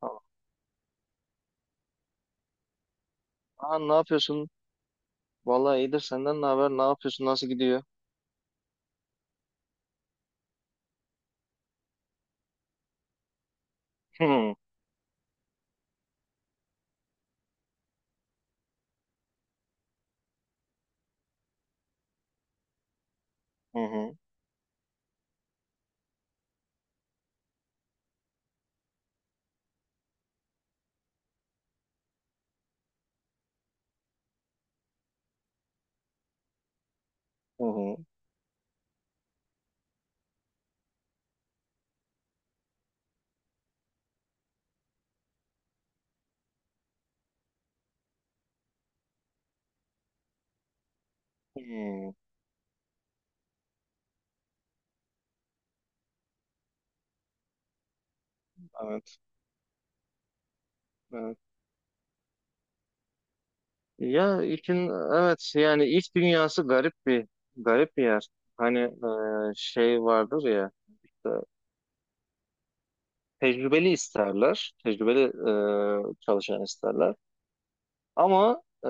Tamam. Aa, ne yapıyorsun? Vallahi iyidir senden ne haber? Ne yapıyorsun? Nasıl gidiyor? Hı hı hı hı. Hı. Evet, evet. Ya işin evet yani iş dünyası garip bir yer. Hani şey vardır ya işte tecrübeli isterler, tecrübeli çalışan isterler. Ama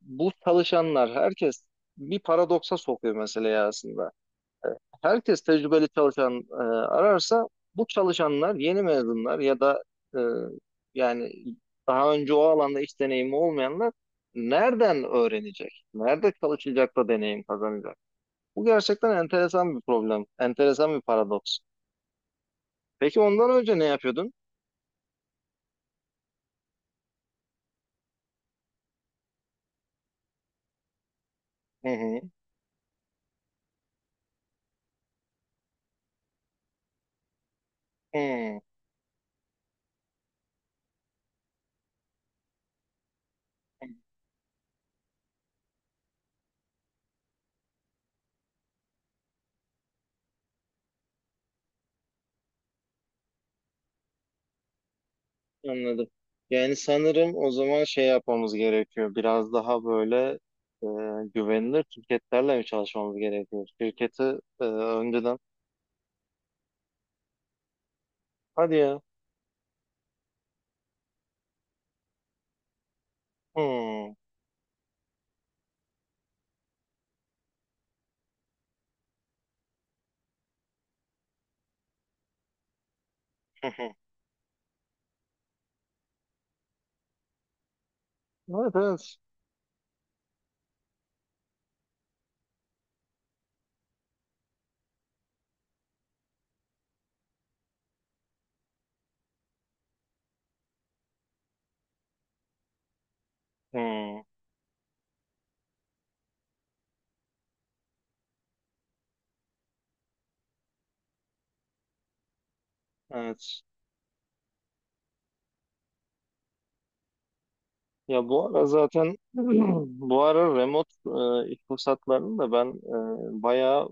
bu çalışanlar herkes bir paradoksa sokuyor meseleyi aslında. Herkes tecrübeli çalışan ararsa bu çalışanlar yeni mezunlar ya da e, yani daha önce o alanda iş deneyimi olmayanlar nereden öğrenecek? Nerede çalışacak da deneyim kazanacak? Bu gerçekten enteresan bir problem, enteresan bir paradoks. Peki ondan önce ne yapıyordun? Hı hı. Hı. Anladım. Yani sanırım o zaman şey yapmamız gerekiyor. Biraz daha böyle güvenilir şirketlerle mi çalışmamız gerekiyor? Şirketi önceden. Hadi ya. Hmm. Evet evet. Hmm. Evet. Ya bu ara zaten bu ara remote iş fırsatlarının da ben bayağı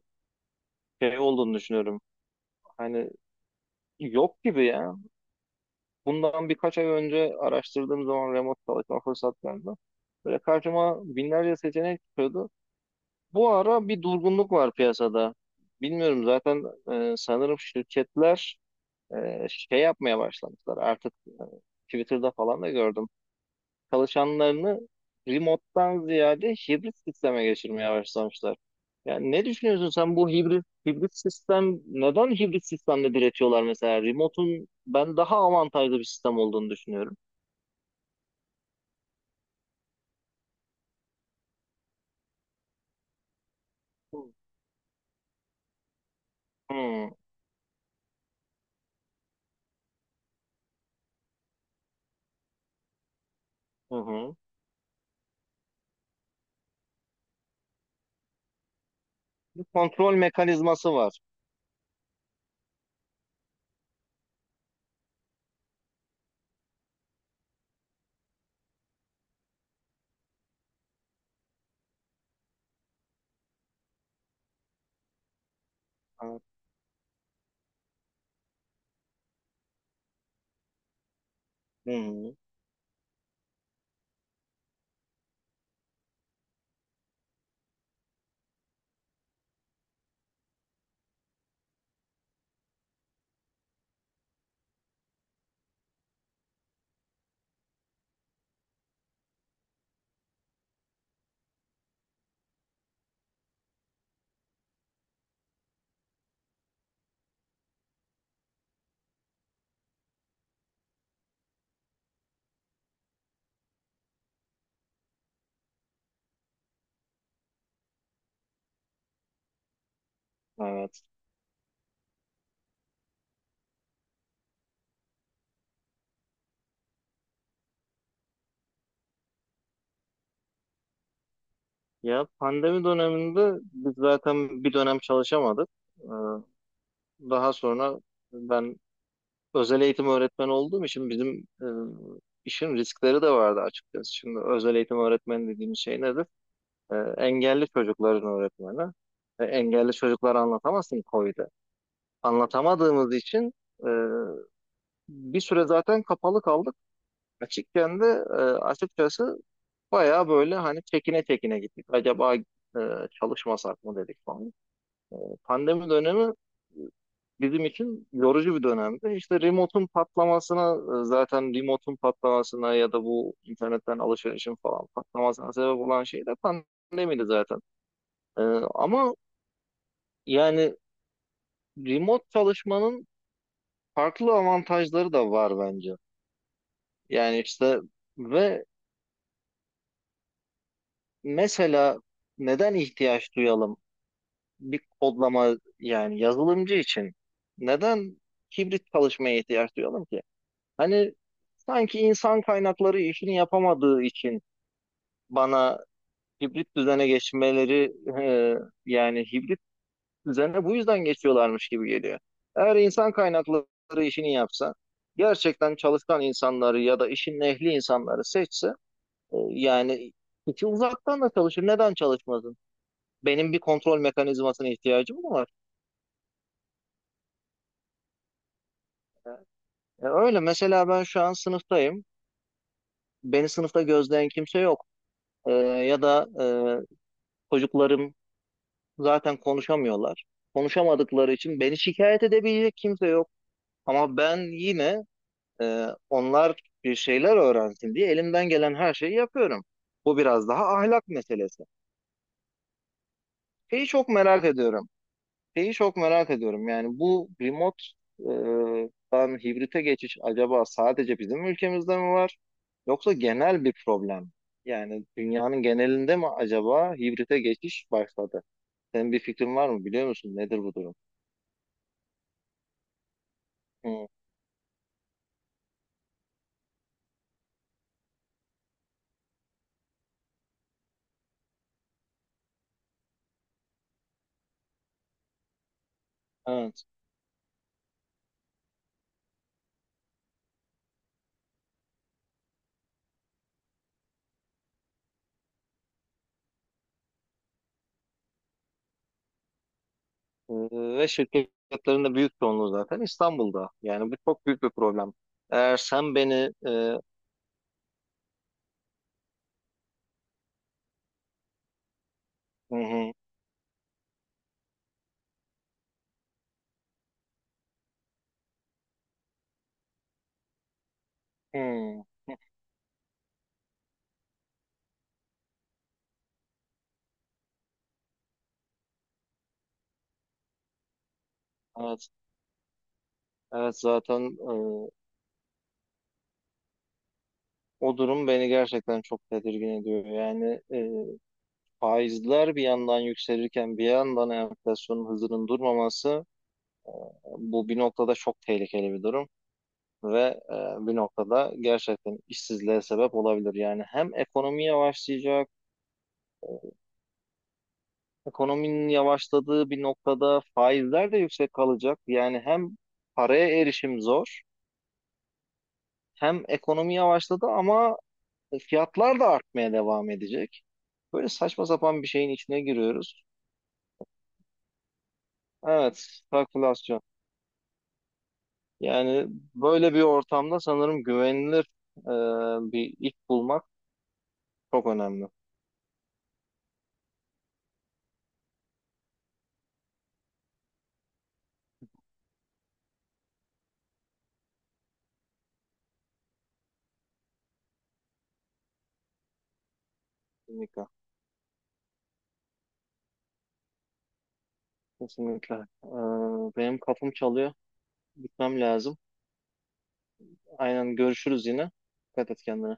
şey olduğunu düşünüyorum. Hani yok gibi ya. Bundan birkaç ay önce araştırdığım zaman remote çalışma fırsatlarında böyle karşıma binlerce seçenek çıkıyordu. Bu ara bir durgunluk var piyasada. Bilmiyorum zaten sanırım şirketler şey yapmaya başlamışlar. Artık Twitter'da falan da gördüm çalışanlarını remote'dan ziyade hibrit sisteme geçirmeye başlamışlar. Yani ne düşünüyorsun sen, bu hibrit sistem, neden hibrit sistemde diretiyorlar mesela? Remote'un ben daha avantajlı bir sistem olduğunu düşünüyorum. Hmm, hı hı. Bir kontrol mekanizması var. Evet. Hı hı, evet. Ya pandemi döneminde biz zaten bir dönem çalışamadık. Ee, Daha sonra ben özel eğitim öğretmeni olduğum için bizim işin riskleri de vardı açıkçası. Şimdi özel eğitim öğretmeni dediğimiz şey nedir? Engelli çocukların öğretmeni. Engelli çocukları anlatamazsın koyda. Anlatamadığımız için e, bir süre zaten kapalı kaldık. Açıkken de açıkçası bayağı böyle hani çekine çekine gittik. Acaba çalışmasak mı dedik falan. E, Pandemi dönemi e, bizim için yorucu bir dönemdi. İşte remote'un patlamasına ya da bu internetten alışverişin falan patlamasına sebep olan şey de pandemiydi zaten. E, ama yani remote çalışmanın farklı avantajları da var bence. Yani işte ve mesela neden ihtiyaç duyalım, bir kodlama yani yazılımcı için neden hibrit çalışmaya ihtiyaç duyalım ki? Hani sanki insan kaynakları işini yapamadığı için bana hibrit düzene geçmeleri, e, yani hibrit düzene bu yüzden geçiyorlarmış gibi geliyor. Eğer insan kaynakları işini yapsa, gerçekten çalışkan insanları ya da işin ehli insanları seçse, yani kişi uzaktan da çalışır. Neden çalışmasın? Benim bir kontrol mekanizmasına ihtiyacım mı var? Öyle mesela ben şu an sınıftayım. Beni sınıfta gözleyen kimse yok. Ya da çocuklarım zaten konuşamıyorlar. Konuşamadıkları için beni şikayet edebilecek kimse yok. Ama ben yine onlar bir şeyler öğrensin diye elimden gelen her şeyi yapıyorum. Bu biraz daha ahlak meselesi. Şeyi çok merak ediyorum. Şeyi çok merak ediyorum. Yani bu remote dan hibrite geçiş acaba sadece bizim ülkemizde mi var? Yoksa genel bir problem mi? Yani dünyanın genelinde mi acaba hibrite geçiş başladı? Senin bir fikrin var mı? Biliyor musun nedir bu durum? Hı, evet. Ve şirketlerin de büyük çoğunluğu zaten İstanbul'da. Yani bu çok büyük bir problem. Eğer sen beni hı hı, hı, evet, evet zaten o durum beni gerçekten çok tedirgin ediyor. Yani faizler bir yandan yükselirken bir yandan enflasyonun hızının durmaması, e, bu bir noktada çok tehlikeli bir durum ve bir noktada gerçekten işsizliğe sebep olabilir. Yani hem ekonomi yavaşlayacak. e, Ekonominin yavaşladığı bir noktada faizler de yüksek kalacak. Yani hem paraya erişim zor, hem ekonomi yavaşladı ama fiyatlar da artmaya devam edecek. Böyle saçma sapan bir şeyin içine giriyoruz. Evet, stagflasyon. Yani böyle bir ortamda sanırım güvenilir e, bir iş bulmak çok önemli. Kesinlikle. Kesinlikle. E, benim kapım çalıyor. Gitmem lazım. Aynen görüşürüz yine. Dikkat et kendine.